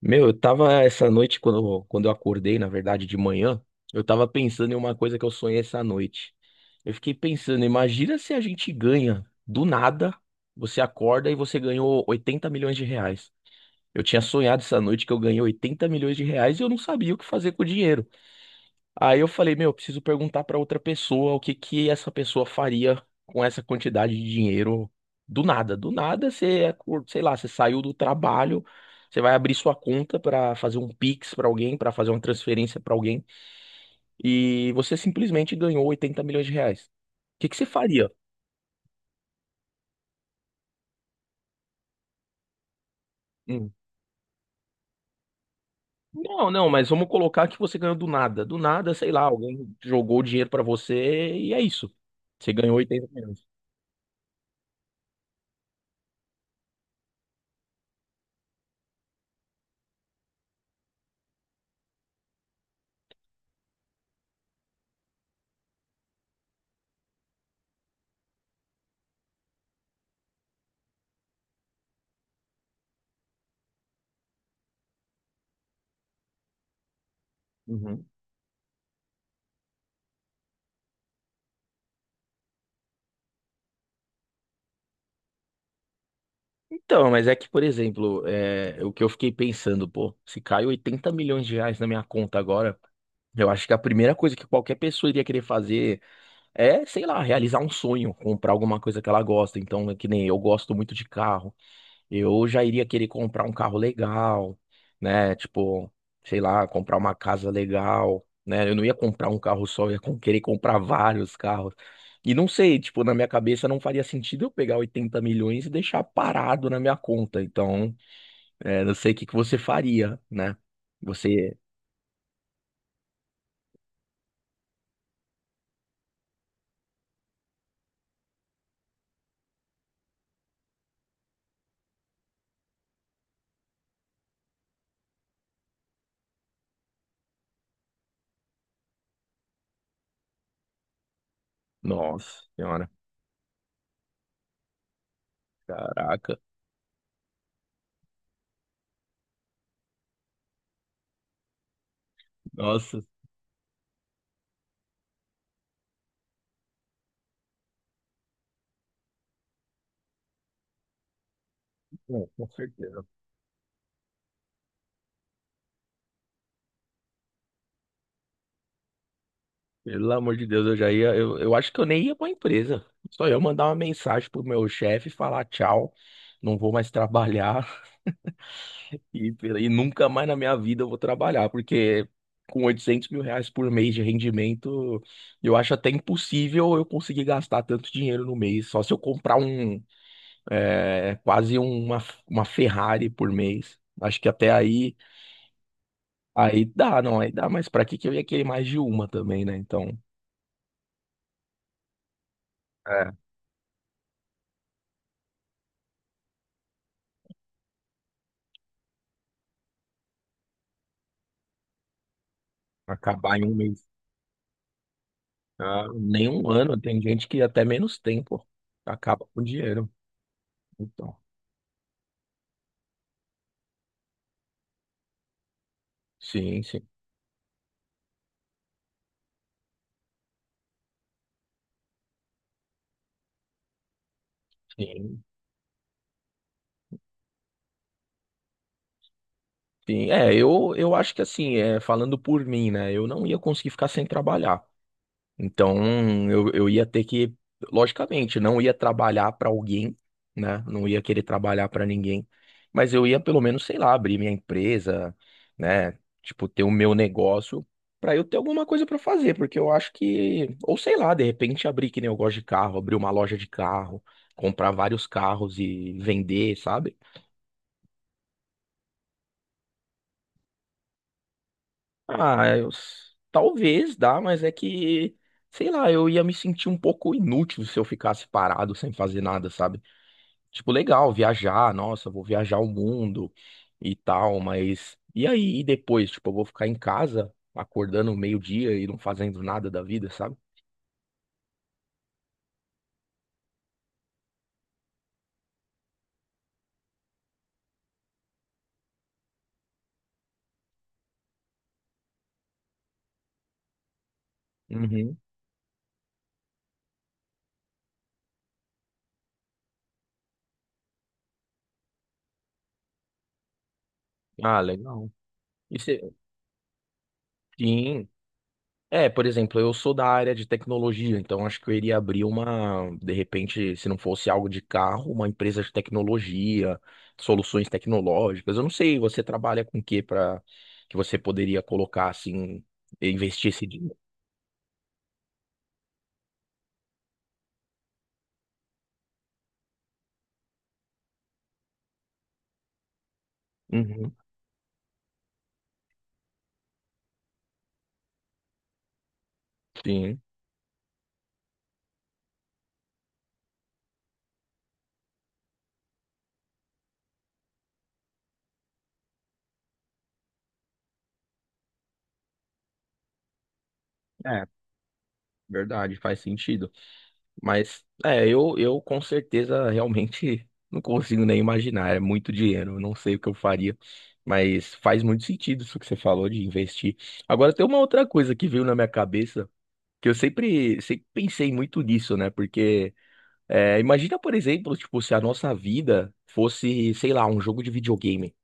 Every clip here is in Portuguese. Meu, eu tava essa noite, quando eu acordei, na verdade, de manhã, eu tava pensando em uma coisa que eu sonhei essa noite. Eu fiquei pensando, imagina se a gente ganha do nada, você acorda e você ganhou 80 milhões de reais. Eu tinha sonhado essa noite que eu ganhei 80 milhões de reais e eu não sabia o que fazer com o dinheiro. Aí eu falei, meu, eu preciso perguntar pra outra pessoa o que que essa pessoa faria com essa quantidade de dinheiro do nada. Do nada sei lá, você saiu do trabalho, você vai abrir sua conta pra fazer um Pix pra alguém, pra fazer uma transferência pra alguém e você simplesmente ganhou 80 milhões de reais. O que que você faria? Hum. Não, não, mas vamos colocar que você ganhou do nada. Do nada, sei lá, alguém jogou o dinheiro pra você e é isso. Você ganhou 80 milhões. Então, mas é que, por exemplo, é, o que eu fiquei pensando, pô, se cai 80 milhões de reais na minha conta agora, eu acho que a primeira coisa que qualquer pessoa iria querer fazer é, sei lá, realizar um sonho, comprar alguma coisa que ela gosta. Então, é que nem eu gosto muito de carro. Eu já iria querer comprar um carro legal, né? Tipo, sei lá, comprar uma casa legal, né? Eu não ia comprar um carro só, eu ia querer comprar vários carros. E não sei, tipo, na minha cabeça não faria sentido eu pegar 80 milhões e deixar parado na minha conta. Então, é, não sei o que que você faria, né? Você. Nossa senhora. Caraca. Nossa. Não, com certeza. Pelo amor de Deus, eu já ia. Eu acho que eu nem ia pra empresa. Só eu mandar uma mensagem pro meu chefe e falar tchau, não vou mais trabalhar e nunca mais na minha vida eu vou trabalhar, porque com 800 mil reais por mês de rendimento, eu acho até impossível eu conseguir gastar tanto dinheiro no mês. Só se eu comprar um, é, quase uma Ferrari por mês. Acho que até aí, aí dá, não, aí dá, mas pra que que eu ia querer mais de uma também, né? Então. É, acabar em um mês. Ah, nem um ano, tem gente que até menos tempo acaba com o dinheiro. Então, sim, sim, sim, sim. É, eu acho que assim, é, falando por mim, né? Eu não ia conseguir ficar sem trabalhar. Então, eu ia ter que, logicamente, não ia trabalhar para alguém, né? Não ia querer trabalhar para ninguém, mas eu ia pelo menos, sei lá, abrir minha empresa, né? Tipo, ter o meu negócio para eu ter alguma coisa para fazer, porque eu acho que, ou sei lá, de repente abrir que nem eu gosto de carro, abrir uma loja de carro, comprar vários carros e vender, sabe? Ah, eu, talvez dá, mas é que sei lá, eu ia me sentir um pouco inútil se eu ficasse parado sem fazer nada, sabe? Tipo, legal viajar, nossa, vou viajar o mundo e tal, mas e aí? E depois? Tipo, eu vou ficar em casa acordando meio-dia e não fazendo nada da vida, sabe? Uhum. Ah, legal. E cê- Sim. É, por exemplo, eu sou da área de tecnologia, então acho que eu iria abrir uma, de repente, se não fosse algo de carro, uma empresa de tecnologia, soluções tecnológicas. Eu não sei, você trabalha com o que para que você poderia colocar assim, investir esse dinheiro? Uhum, sim. Verdade, faz sentido. Mas é, eu com certeza realmente não consigo nem imaginar. É muito dinheiro, eu não sei o que eu faria. Mas faz muito sentido isso que você falou de investir. Agora tem uma outra coisa que veio na minha cabeça, que eu sempre, sempre pensei muito nisso, né? Porque é, imagina, por exemplo, tipo, se a nossa vida fosse, sei lá, um jogo de videogame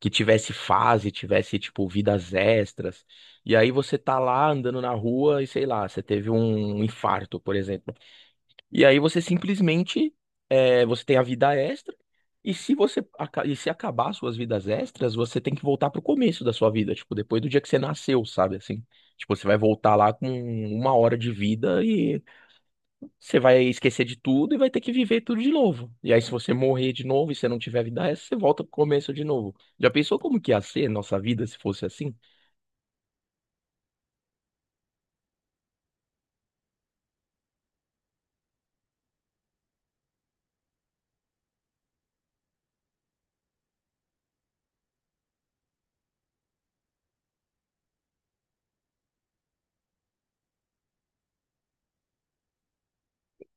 que tivesse fase, tivesse tipo vidas extras. E aí você tá lá andando na rua e sei lá, você teve um infarto, por exemplo. E aí você simplesmente você tem a vida extra. E se acabar suas vidas extras, você tem que voltar pro começo da sua vida, tipo, depois do dia que você nasceu, sabe assim? Tipo, você vai voltar lá com uma hora de vida, você vai esquecer de tudo e vai ter que viver tudo de novo. E aí, se você morrer de novo e você não tiver vida essa, você volta pro começo de novo. Já pensou como que ia ser nossa vida se fosse assim?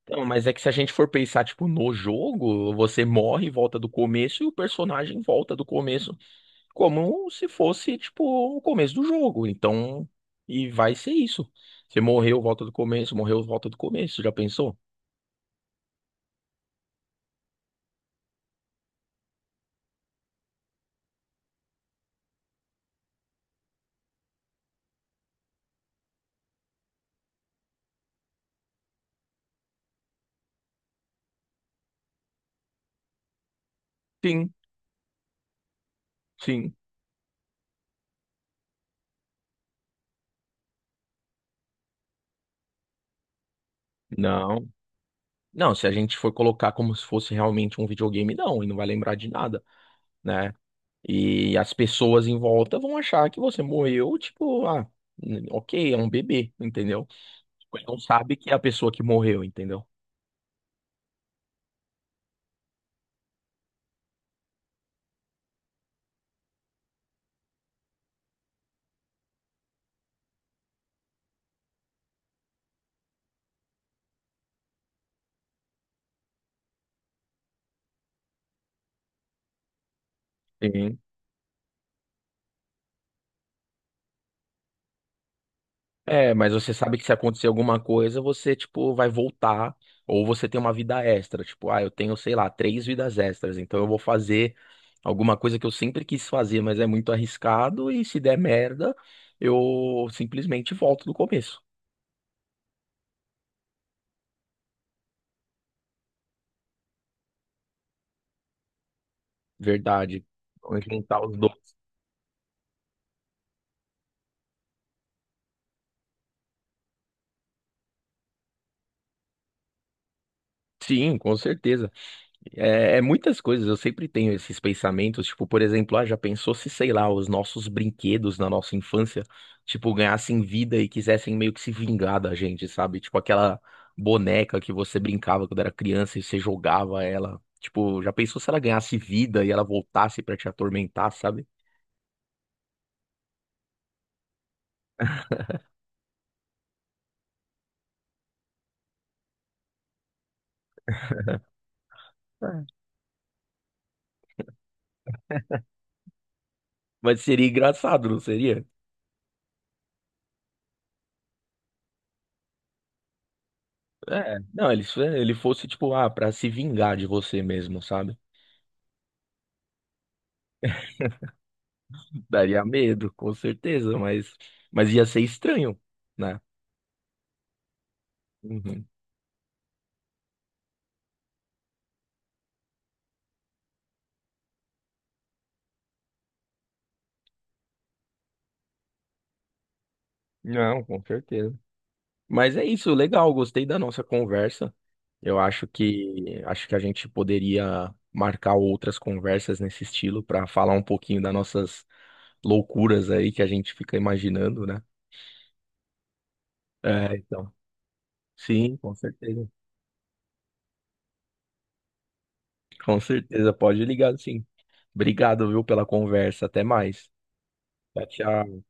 Então, mas é que se a gente for pensar, tipo, no jogo, você morre e volta do começo e o personagem volta do começo, como se fosse, tipo, o começo do jogo. Então, e vai ser isso. Você morreu, volta do começo, morreu, volta do começo. Já pensou? Sim, sim. Não. Não, se a gente for colocar como se fosse realmente um videogame, não, e não vai lembrar de nada, né? E as pessoas em volta vão achar que você morreu, tipo, ah, ok, é um bebê, entendeu? Mas não sabe que é a pessoa que morreu, entendeu? Sim. É, mas você sabe que se acontecer alguma coisa, você, tipo, vai voltar, ou você tem uma vida extra, tipo, ah, eu tenho, sei lá, três vidas extras, então eu vou fazer alguma coisa que eu sempre quis fazer, mas é muito arriscado, e se der merda, eu simplesmente volto do começo. Verdade. Vamos juntar os dois. Sim, com certeza. É muitas coisas, eu sempre tenho esses pensamentos, tipo, por exemplo, ah, já pensou se, sei lá, os nossos brinquedos na nossa infância, tipo, ganhassem vida e quisessem meio que se vingar da gente, sabe? Tipo, aquela boneca que você brincava quando era criança e você jogava ela. Tipo, já pensou se ela ganhasse vida e ela voltasse pra te atormentar, sabe? É. Mas seria engraçado, não seria? É, não, ele, se ele fosse, tipo, ah, pra se vingar de você mesmo, sabe? Daria medo, com certeza, mas ia ser estranho, né? Uhum. Não, com certeza. Mas é isso, legal, gostei da nossa conversa. Eu acho que a gente poderia marcar outras conversas nesse estilo para falar um pouquinho das nossas loucuras aí que a gente fica imaginando, né? É, então. Sim, com certeza. Com certeza, pode ligar, sim. Obrigado, viu, pela conversa. Até mais. Tchau, tchau.